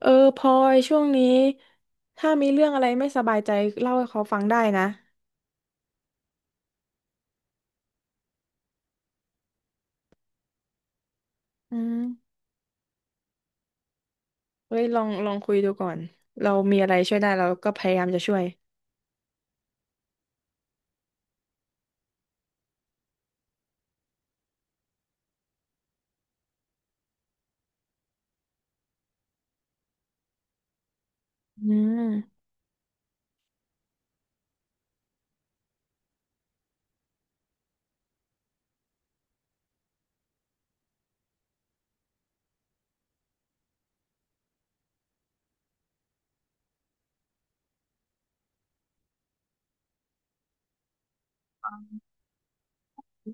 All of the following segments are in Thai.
เออพลอยช่วงนี้ถ้ามีเรื่องอะไรไม่สบายใจเล่าให้เขาฟังได้นะอืมเฮ้ยลองคุยดูก่อนเรามีอะไรช่วยได้เราก็พยายามจะช่วยอืม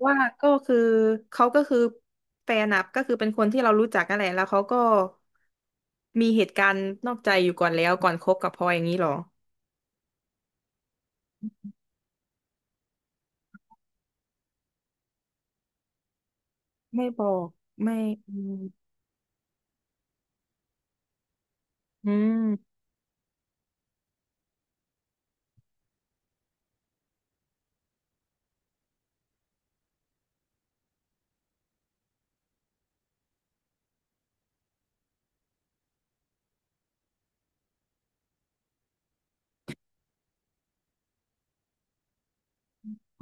ว่าก็คือเขาก็คือแฟนอะก็คือเป็นคนที่เรารู้จักกันแหละแล้วเขาก็มีเหตุการณ์นอกใจอยู่ก่อนแล้วก่อนคบกับพลอยอย่างนี้หรอไม่บอกไม่อืมอืม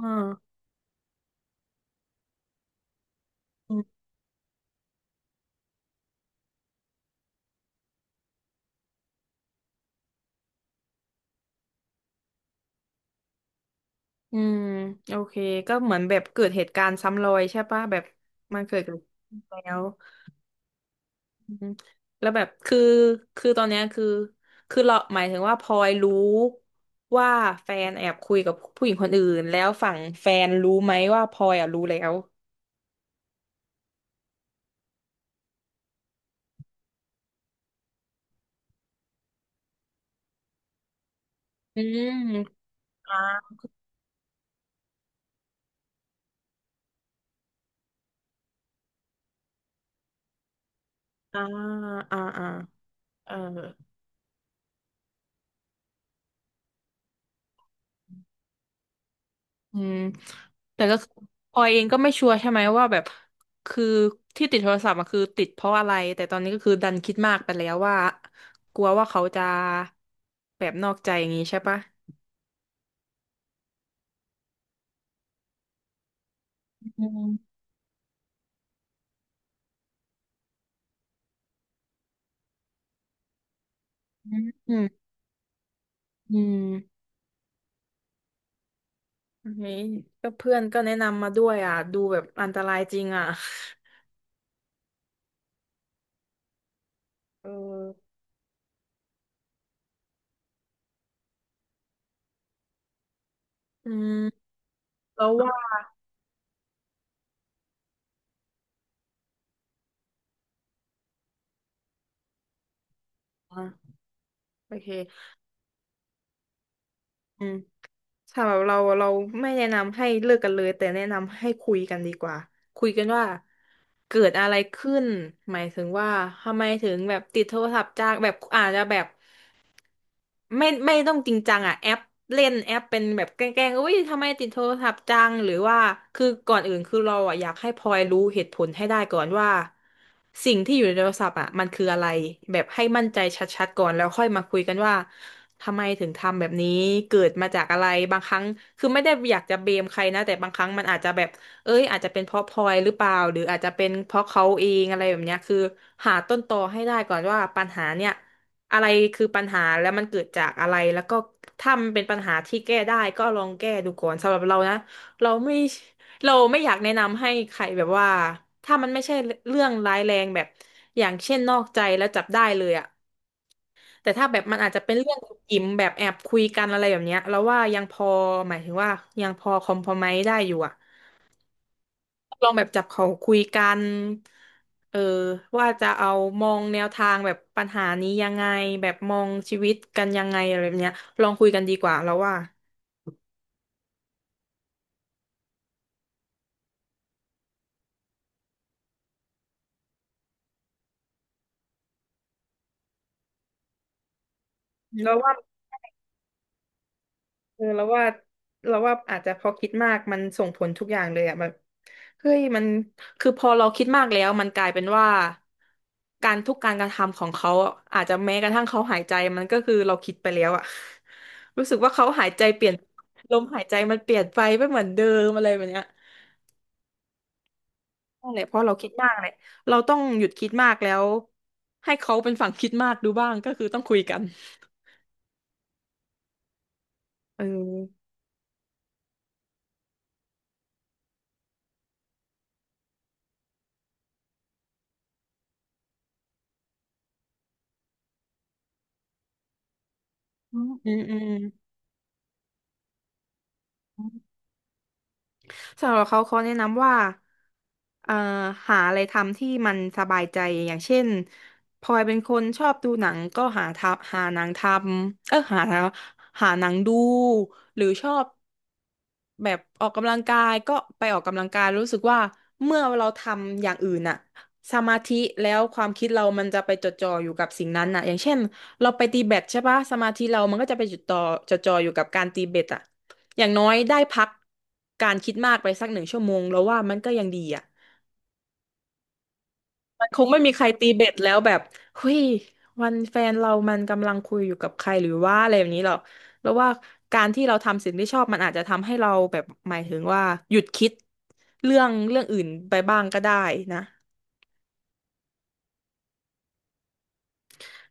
อ่า อืมโอเคก็เหมือนแบบเกิดเหตุการณ์ซ้ำรอยใช่ปะแบบมันเกิดกับแล้วอืมแล้วแบบคือคือตอนเนี้ยคือคือเราหมายถึงว่าพลอยรู้ว่าแฟนแอบคุยกับผู้หญิงคนอื่นแล้วฝั่งแฟนรู้ไหมว่าพลอยอ่ะรู้แล้วอืมอ่าอ่าอ่าอ่าเออ อืมแต่ก็คือพลอยเองก็ไม่ชัวร์ใช่ไหมว่าแบบคือที่ติดโทรศัพท์อะคือติดเพราะอะไรแต่ตอนนี้ก็คือดันคิดมากไปแล้วว่ากลัวว่าเขาจะแบบนอกใจอย่างนี้ใช่ปะอืมอืมอืมเี้ก็เพื่อนก็แนะนำมาด้วยอ่ะดูแบบอันตรายจริงอ่ะเอออืมแล้วว่าอ่ะโอเคอืม สำหรับเราเราไม่แนะนำให้เลิกกันเลยแต่แนะนำให้คุยกันดีกว่าคุยกันว่าเกิดอะไรขึ้นหมายถึงว่าทำไมถึงแบบติดโทรศัพท์จากแบบอาจจะแบบ ไม่ต้องจริงจังอ่ะแอปเล่นแอปเป็นแบบแกล้งๆอุ้ยทำไมติดโทรศัพท์จังหรือว่าคือก่อนอื่นคือเราอ่ะอยากให้พลอยรู้เหตุผลให้ได้ก่อนว่าสิ่งที่อยู่ในโทรศัพท์อ่ะมันคืออะไรแบบให้มั่นใจชัดๆก่อนแล้วค่อยมาคุยกันว่าทำไมถึงทำแบบนี้เกิดมาจากอะไรบางครั้งคือไม่ได้อยากจะเบมใครนะแต่บางครั้งมันอาจจะแบบเอ้ยอาจจะเป็นเพราะพลอยหรือเปล่าหรืออาจจะเป็นเพราะเขาเองอะไรแบบเนี้ยคือหาต้นตอให้ได้ก่อนว่าปัญหาเนี่ย อะไรคือปัญหาแล้วมันเกิดจากอะไรแล้วก็ถ้ามันเป็นปัญหาที่แก้ได้ก็ลองแก้ดูก่อนสำหรับเรานะเราไม่เราไม่อยากแนะนำให้ใครแบบว่าถ้ามันไม่ใช่เรื่องร้ายแรงแบบอย่างเช่นนอกใจแล้วจับได้เลยอะแต่ถ้าแบบมันอาจจะเป็นเรื่องอิ่มแบบแอบคุยกันอะไรแบบเนี้ยเราว่ายังพอหมายถึงว่ายังพอคอมพรไมซ์ได้อยู่อะ ลองแบบจับเขาคุยกันเออว่าจะเอามองแนวทางแบบปัญหานี้ยังไงแบบมองชีวิตกันยังไงอะไรแบบเนี้ยลองคุยกันดีกว่าแล้วว่าเราวว่าเออราวว่าเราวว่าอาจจะพอคิดมากมันส่งผลทุกอย่างเลยอะแบบเฮ้ยมันคือพอเราคิดมากแล้วมันกลายเป็นว่าการทุกการกระทำของเขาอะอาจจะแม้กระทั่งเขาหายใจมันก็คือเราคิดไปแล้วอะ รู้สึกว่าเขาหายใจเปลี่ยนลมหายใจมันเปลี่ยนไปไม่เหมือนเดิมอะไรแบบเนี้ย นั่นแหละเพราะเราคิดมากเลยเราต้องหยุดคิดมากแล้วให้เขาเป็นฝั่งคิดมากดูบ้างก็คือต้องคุยกันเอออืมอืมอืม สำหรับเขาเขาแนะนำว่าเอ่อหาอะไรทำที่มันสบายใจอย่างเช่นพลอยเป็นคนชอบดูหนังก็หาทำหาหนังทำเออหาหาหนังดูหรือชอบแบบออกกำลังกายก็ไปออกกำลังกายรู้สึกว่าเมื่อเราทำอย่างอื่นน่ะสมาธิแล้วความคิดเรามันจะไปจดจ่ออยู่กับสิ่งนั้นน่ะอย่างเช่นเราไปตีแบดใช่ปะสมาธิเรามันก็จะไปจดจ่อจดจ่ออยู่กับการตีแบดอ่ะ อย่างน้อยได้พักการคิดมากไปสักหนึ่งชั่วโมงแล้วว่ามันก็ยังดีอ่ะมันคงไม่มีใครตีเบ็ดแล้วแบบเฮ้ยวันแฟนเรามันกำลังคุยอยู่กับใครหรือว่าอะไรแบบนี้หรอกแล้วว่าการที่เราทำสิ่งที่ชอบมันอาจจะทำให้เราแบบหมายถึงว่าหยุดคิดเรื่องเรื่องอื่นไปบ้างก็ได้นะ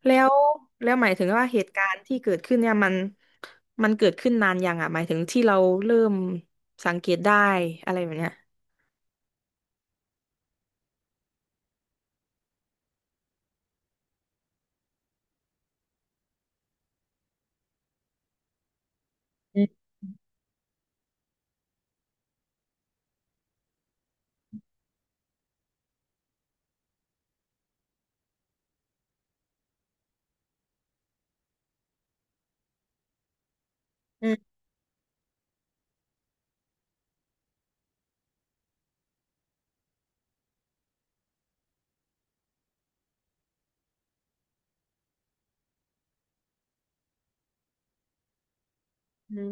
แล้วแล้วหมายถึงว่าเหตุการณ์ที่เกิดขึ้นเนี่ยมันมันเกิดขึ้นนานยังอ่ะหมายถึงที่เราเริ่มสังเกตได้อะไรแบบเนี้ยอืมอืมอืม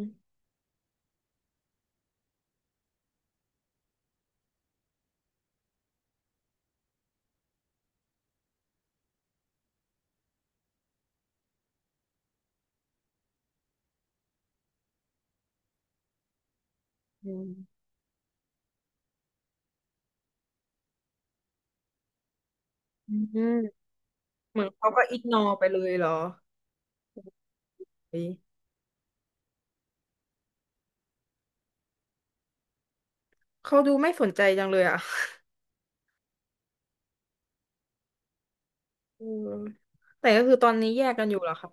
อืมอืม เหมือนเขาก็อิกนอไปเลยเหรอเฮ้ยเขาดูไม่สนใจจังเลยอ่ะเออแต่ก็คือตอนนี้แยกกันอยู่เหรอครับ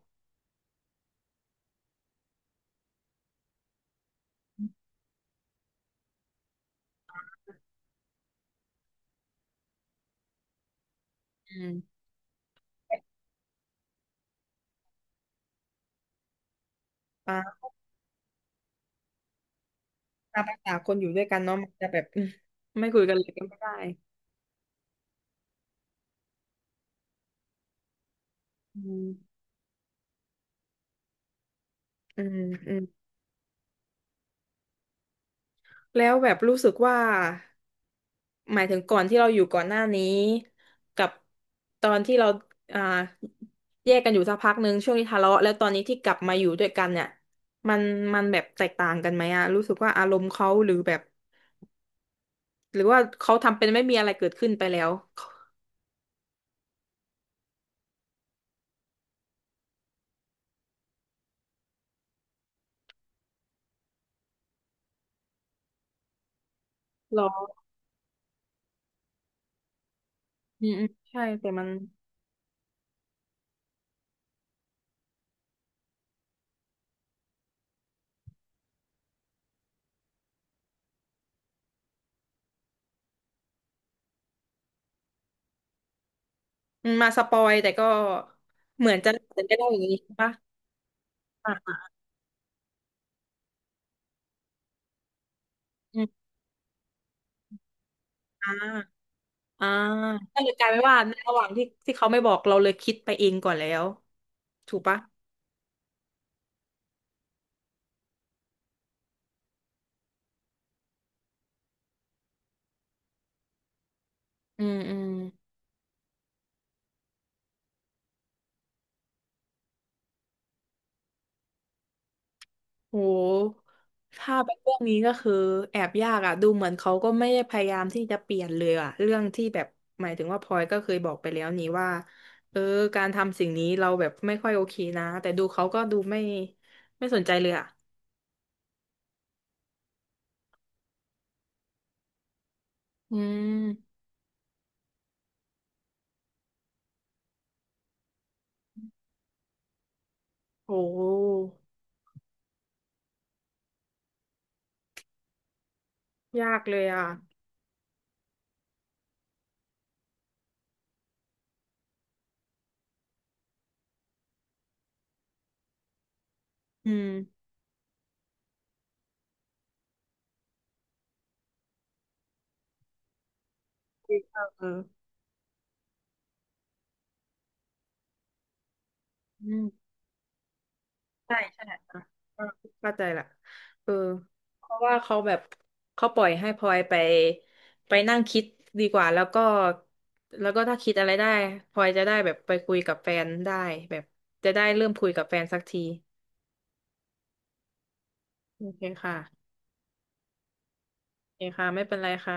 อืมอ่าตามภาษาคนอยู่ด้วยกันเนาะมันจะแบบ อืมไม่คุยกันเลยก็ไม่ได้อืมอืมอืมแล้วแบบรู้สึกว่าหมายถึงก่อนที่เราอยู่ก่อนหน้านี้กับตอนที่เราอ่าแยกกันอยู่สักพักหนึ่งช่วงที่ทะเลาะแล้วตอนนี้ที่กลับมาอยู่ด้วยกันเนี่ยมันมันแบบแตกต่างกันไหมอะรู้สึกว่าอารมณ์เขาหรือแบบ หรือว่าเขาทำเป็นไม่มีอะไรเกิดขึ้นไปแล้วหรออืมอืมใช่ แต่มันมัน มาสปอยแต่ก็เหมือนจะเห็นจะได้อย่างนี้ใช่ปะอ่าอืมอ่าอ่าก็เลยกลายเป็นว่าในระหว่างที่ที่เขาไม่บอกเราเลยคิดไปเองก่อนแล้ว ถูกปะอืมอืม โหถ้าเป็นเรื่องนี้ก็คือแอบยากอ่ะดูเหมือนเขาก็ไม่ได้พยายามที่จะเปลี่ยนเลยอ่ะเรื่องที่แบบหมายถึงว่าพลอยก็เคยบอกไปแล้วนี่ว่า เออการทำสิ่งนี้เราแบบไม่ค่อยโอเคนะ แต่ดูเขาก็ดูไม่สนใจเลยอ่ะอืมโหยากเลยอ่ะ อืมเอออืม ใช่ใช่อ่ะเออเข้าใจละเออเพราะว่าเขาแบบเขาปล่อยให้พลอยไปไปนั่งคิดดีกว่าแล้วก็แล้วก็ถ้าคิดอะไรได้พลอยจะได้แบบไปคุยกับแฟนได้แบบจะได้เริ่มคุยกับแฟนสักทีโอเคค่ะโอเคค่ะไม่เป็นไรค่ะ